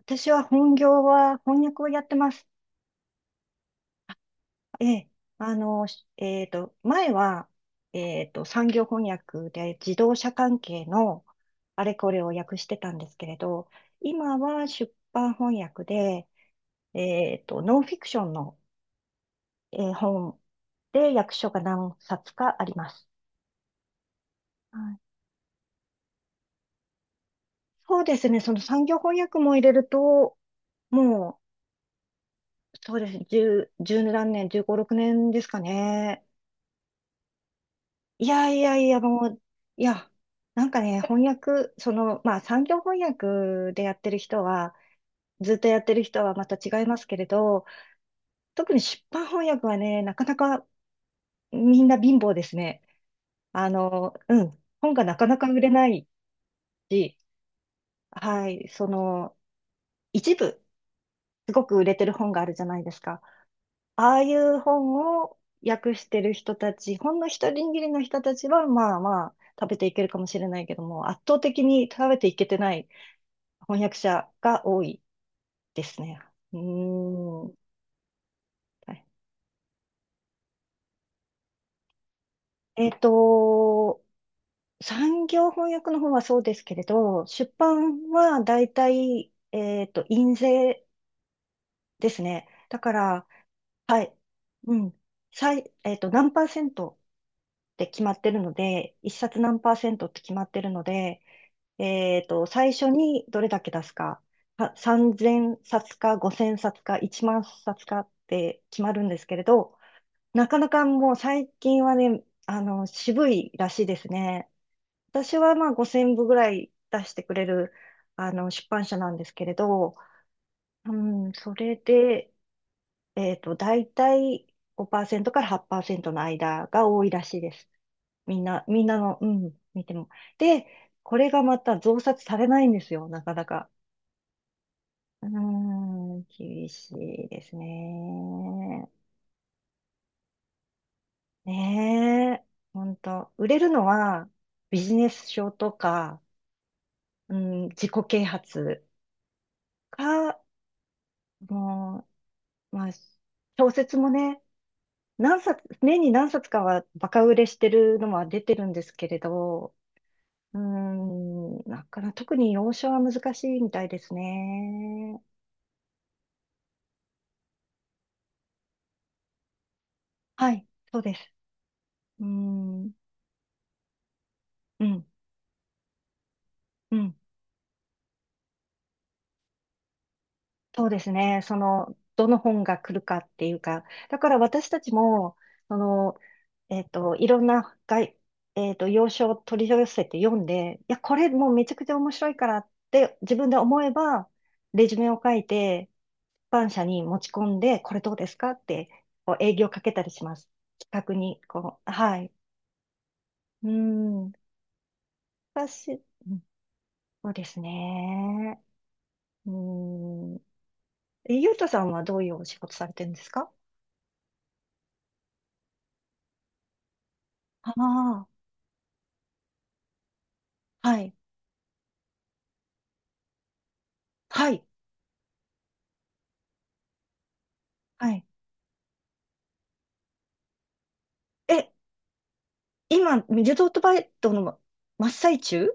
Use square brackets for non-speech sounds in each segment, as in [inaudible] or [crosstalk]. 私は本業は翻訳をやってます。ええ、あの、しえっと、前は、産業翻訳で自動車関係のあれこれを訳してたんですけれど、今は出版翻訳で、ノンフィクションの、本で訳書が何冊かあります。はい。そうですね、その産業翻訳も入れると、もう、そうですね、1何年、十五六年ですかね。いやいやいや、もう、いや、なんかね、翻訳、その、まあ、産業翻訳でやってる人は、ずっとやってる人はまた違いますけれど、特に出版翻訳はね、なかなかみんな貧乏ですね。うん、本がなかなか売れないし、はい、その、一部、すごく売れてる本があるじゃないですか。ああいう本を訳してる人たち、ほんの一握りの人たちは、まあまあ、食べていけるかもしれないけども、圧倒的に食べていけてない翻訳者が多いですね。うーん。はい。えっと、産業翻訳の方はそうですけれど、出版は大体、印税ですね。だから、はい。うん。最、えっと、何パーセントって決まってるので、一冊何パーセントって決まってるので、最初にどれだけ出すか、は3000冊か5000冊か1万冊かって決まるんですけれど、なかなかもう最近はね、渋いらしいですね。私はまあ5000部ぐらい出してくれる、出版社なんですけれど、うん、それで、だいたい5%から8%の間が多いらしいです。みんなの、うん、見ても。で、これがまた増刷されないんですよ、なかなか。うーん、厳しいですね。ねえ、ほんと。売れるのはビジネス書とか、うん、自己啓発か、もう、まあ、小説もね、年に何冊かはバカ売れしてるのは出てるんですけれど、うん、なかなか特に洋書は難しいみたいですね。はい、そうです。うん、うん、うん。そうですね。その、どの本が来るかっていうか、だから私たちも、その、えっと、いろんな外、えっと、洋書を取り寄せて読んで、いや、これもうめちゃくちゃ面白いからって自分で思えば、レジュメを書いて、出版社に持ち込んで、これどうですかって、こう営業かけたりします。企画に、こう、はい。うん。私、うん。そうですね。うん。えゆうとさんはどういうお仕事されてるんですか？ああー。はい。はい。はい。え、今、リゾートバイトの真っ最中？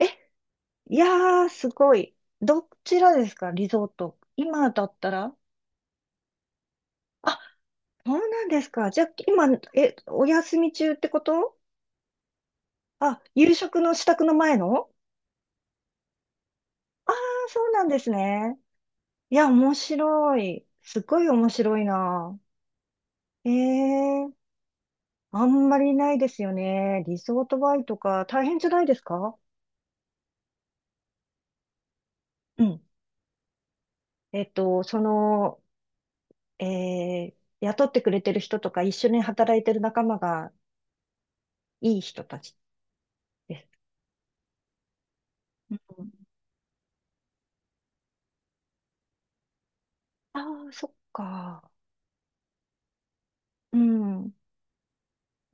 え、いやー、すごい。どちらですかリゾート。今だったら？あ、そうなんですか。じゃあ、今、え、お休み中ってこと？あ、夕食の支度の前の？ああー、そうなんですね。いや、面白い。すごい面白いな。ええー、あんまりないですよね。リゾートバイトか。大変じゃないですか？うん。その、えー雇ってくれてる人とか、一緒に働いてる仲間がいい人たちです。うん。ああ、そっか。うん。う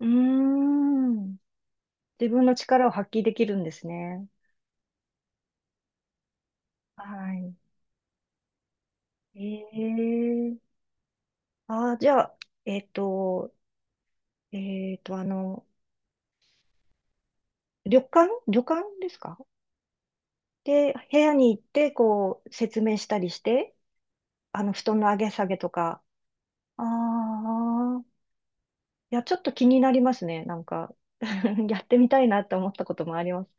ーん。自分の力を発揮できるんですね。はい。ええ。ああ、じゃあ、えっと、えっと、あの、旅館旅館ですか？で、部屋に行って、こう、説明したりして、布団の上げ下げとか、ああ。いや、ちょっと気になりますね。なんか [laughs] やってみたいなって思ったこともあります。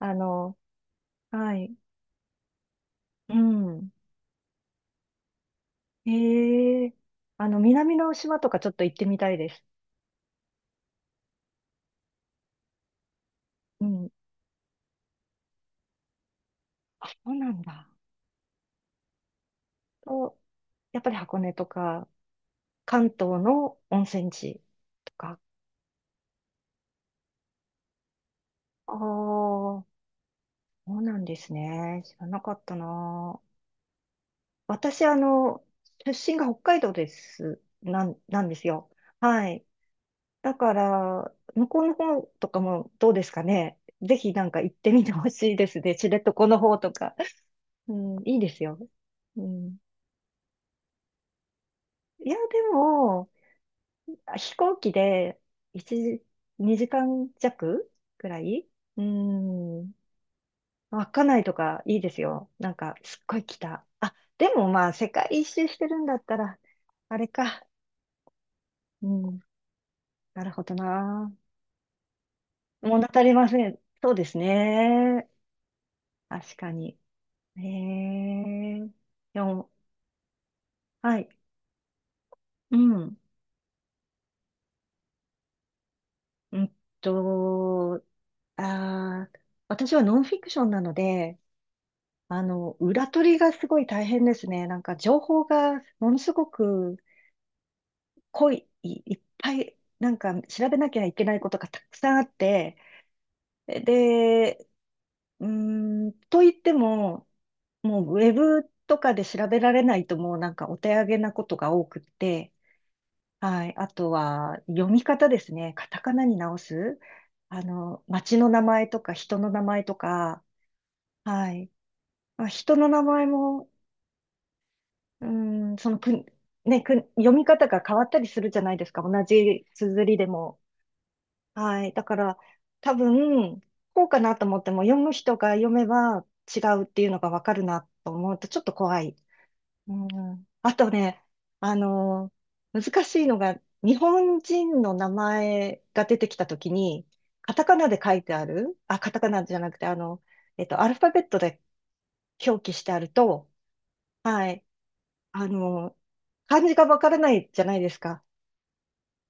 あの、はい。うん。ええ。南の島とかちょっと行ってみたいです。うん。あ、そうなんだ。と、やっぱり箱根とか、関東の温泉地とか。ああ、そうなんですね。知らなかったな。私、あの、出身が北海道です。なんですよ。はい。だから、向こうの方とかもどうですかね。ぜひなんか行ってみてほしいですね。知床の方とか。うん、いいですよ。うん、いや、でも、飛行機で1時、2時間弱くらい。うん。稚内とかいいですよ。なんか、すっごい北。あ、でもまあ、世界一周してるんだったら、あれか。うん。なるほどな。物足りません。そうですね。確かに。へえ。でも、はい。うん。うんと、あー、私はノンフィクションなので、裏取りがすごい大変ですね。なんか情報がものすごく濃い、いいっぱい、なんか調べなきゃいけないことがたくさんあって、で、うーん、と言っても、もうウェブとかで調べられないともうなんかお手上げなことが多くって、はい。あとは、読み方ですね。カタカナに直す。街の名前とか人の名前とか、はい。まあ、人の名前も、うーん、そのく、ね、く、読み方が変わったりするじゃないですか。同じ綴りでも。はい。だから、多分、こうかなと思っても、読む人が読めば違うっていうのがわかるなと思うと、ちょっと怖い。うん、あとね、あのー難しいのが、日本人の名前が出てきたときに、カタカナで書いてある、あ、カタカナじゃなくて、アルファベットで表記してあると、はい、あのー漢字がわからないじゃないですか。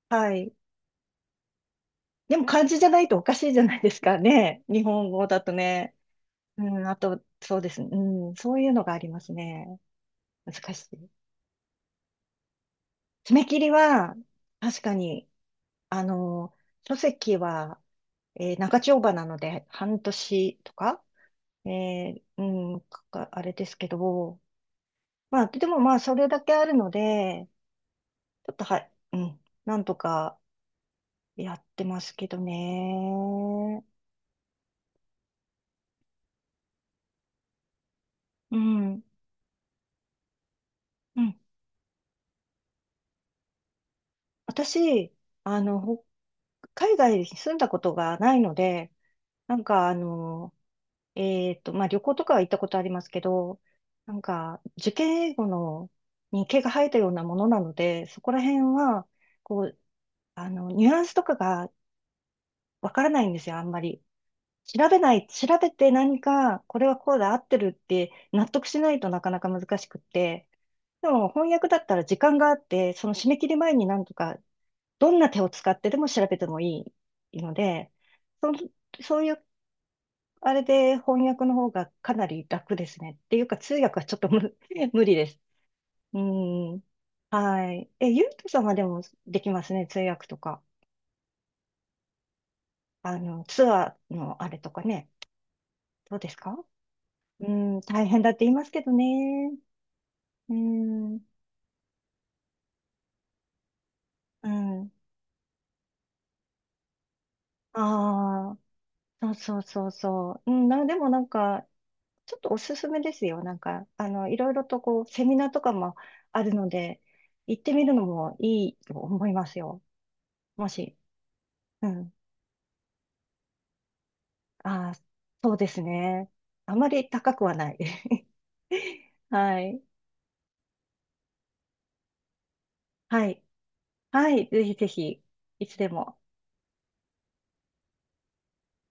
はい。でも漢字じゃないとおかしいじゃないですかね。日本語だとね。うん、あと、そうですね。うん、そういうのがありますね。難しい。爪切りは、確かに、あの、書籍は、長丁場なので、半年とか、えあれですけど、まあ、でもまあ、それだけあるので、ちょっとは、うん、なんとかやってますけどね。うん、うん。私、あの、ほ海外に住んだことがないので、なんか、まあ、旅行とかは行ったことありますけど、なんか、受験英語のに毛が生えたようなものなので、そこら辺は、こう、ニュアンスとかがわからないんですよ、あんまり。調べて何か、これはこうだ、合ってるって納得しないとなかなか難しくって。でも、翻訳だったら時間があって、その締め切り前になんとか、どんな手を使ってでも調べてもいいので、その、そういうあれで翻訳の方がかなり楽ですね。っていうか、通訳はちょっと[laughs] 無理です。うん。はい。え、ゆうとさんはでもできますね、通訳とか。ツアーのあれとかね。どうですか？うん、大変だって言いますけどね。うん、うん。ああ、そうそうそうそう。でもなんか、ちょっとおすすめですよ。なんか、いろいろとこう、セミナーとかもあるので、行ってみるのもいいと思いますよ。もし。うん。ああ、そうですね。あまり高くはない。[laughs] はい。はい。はい。ぜひぜひ、いつでも。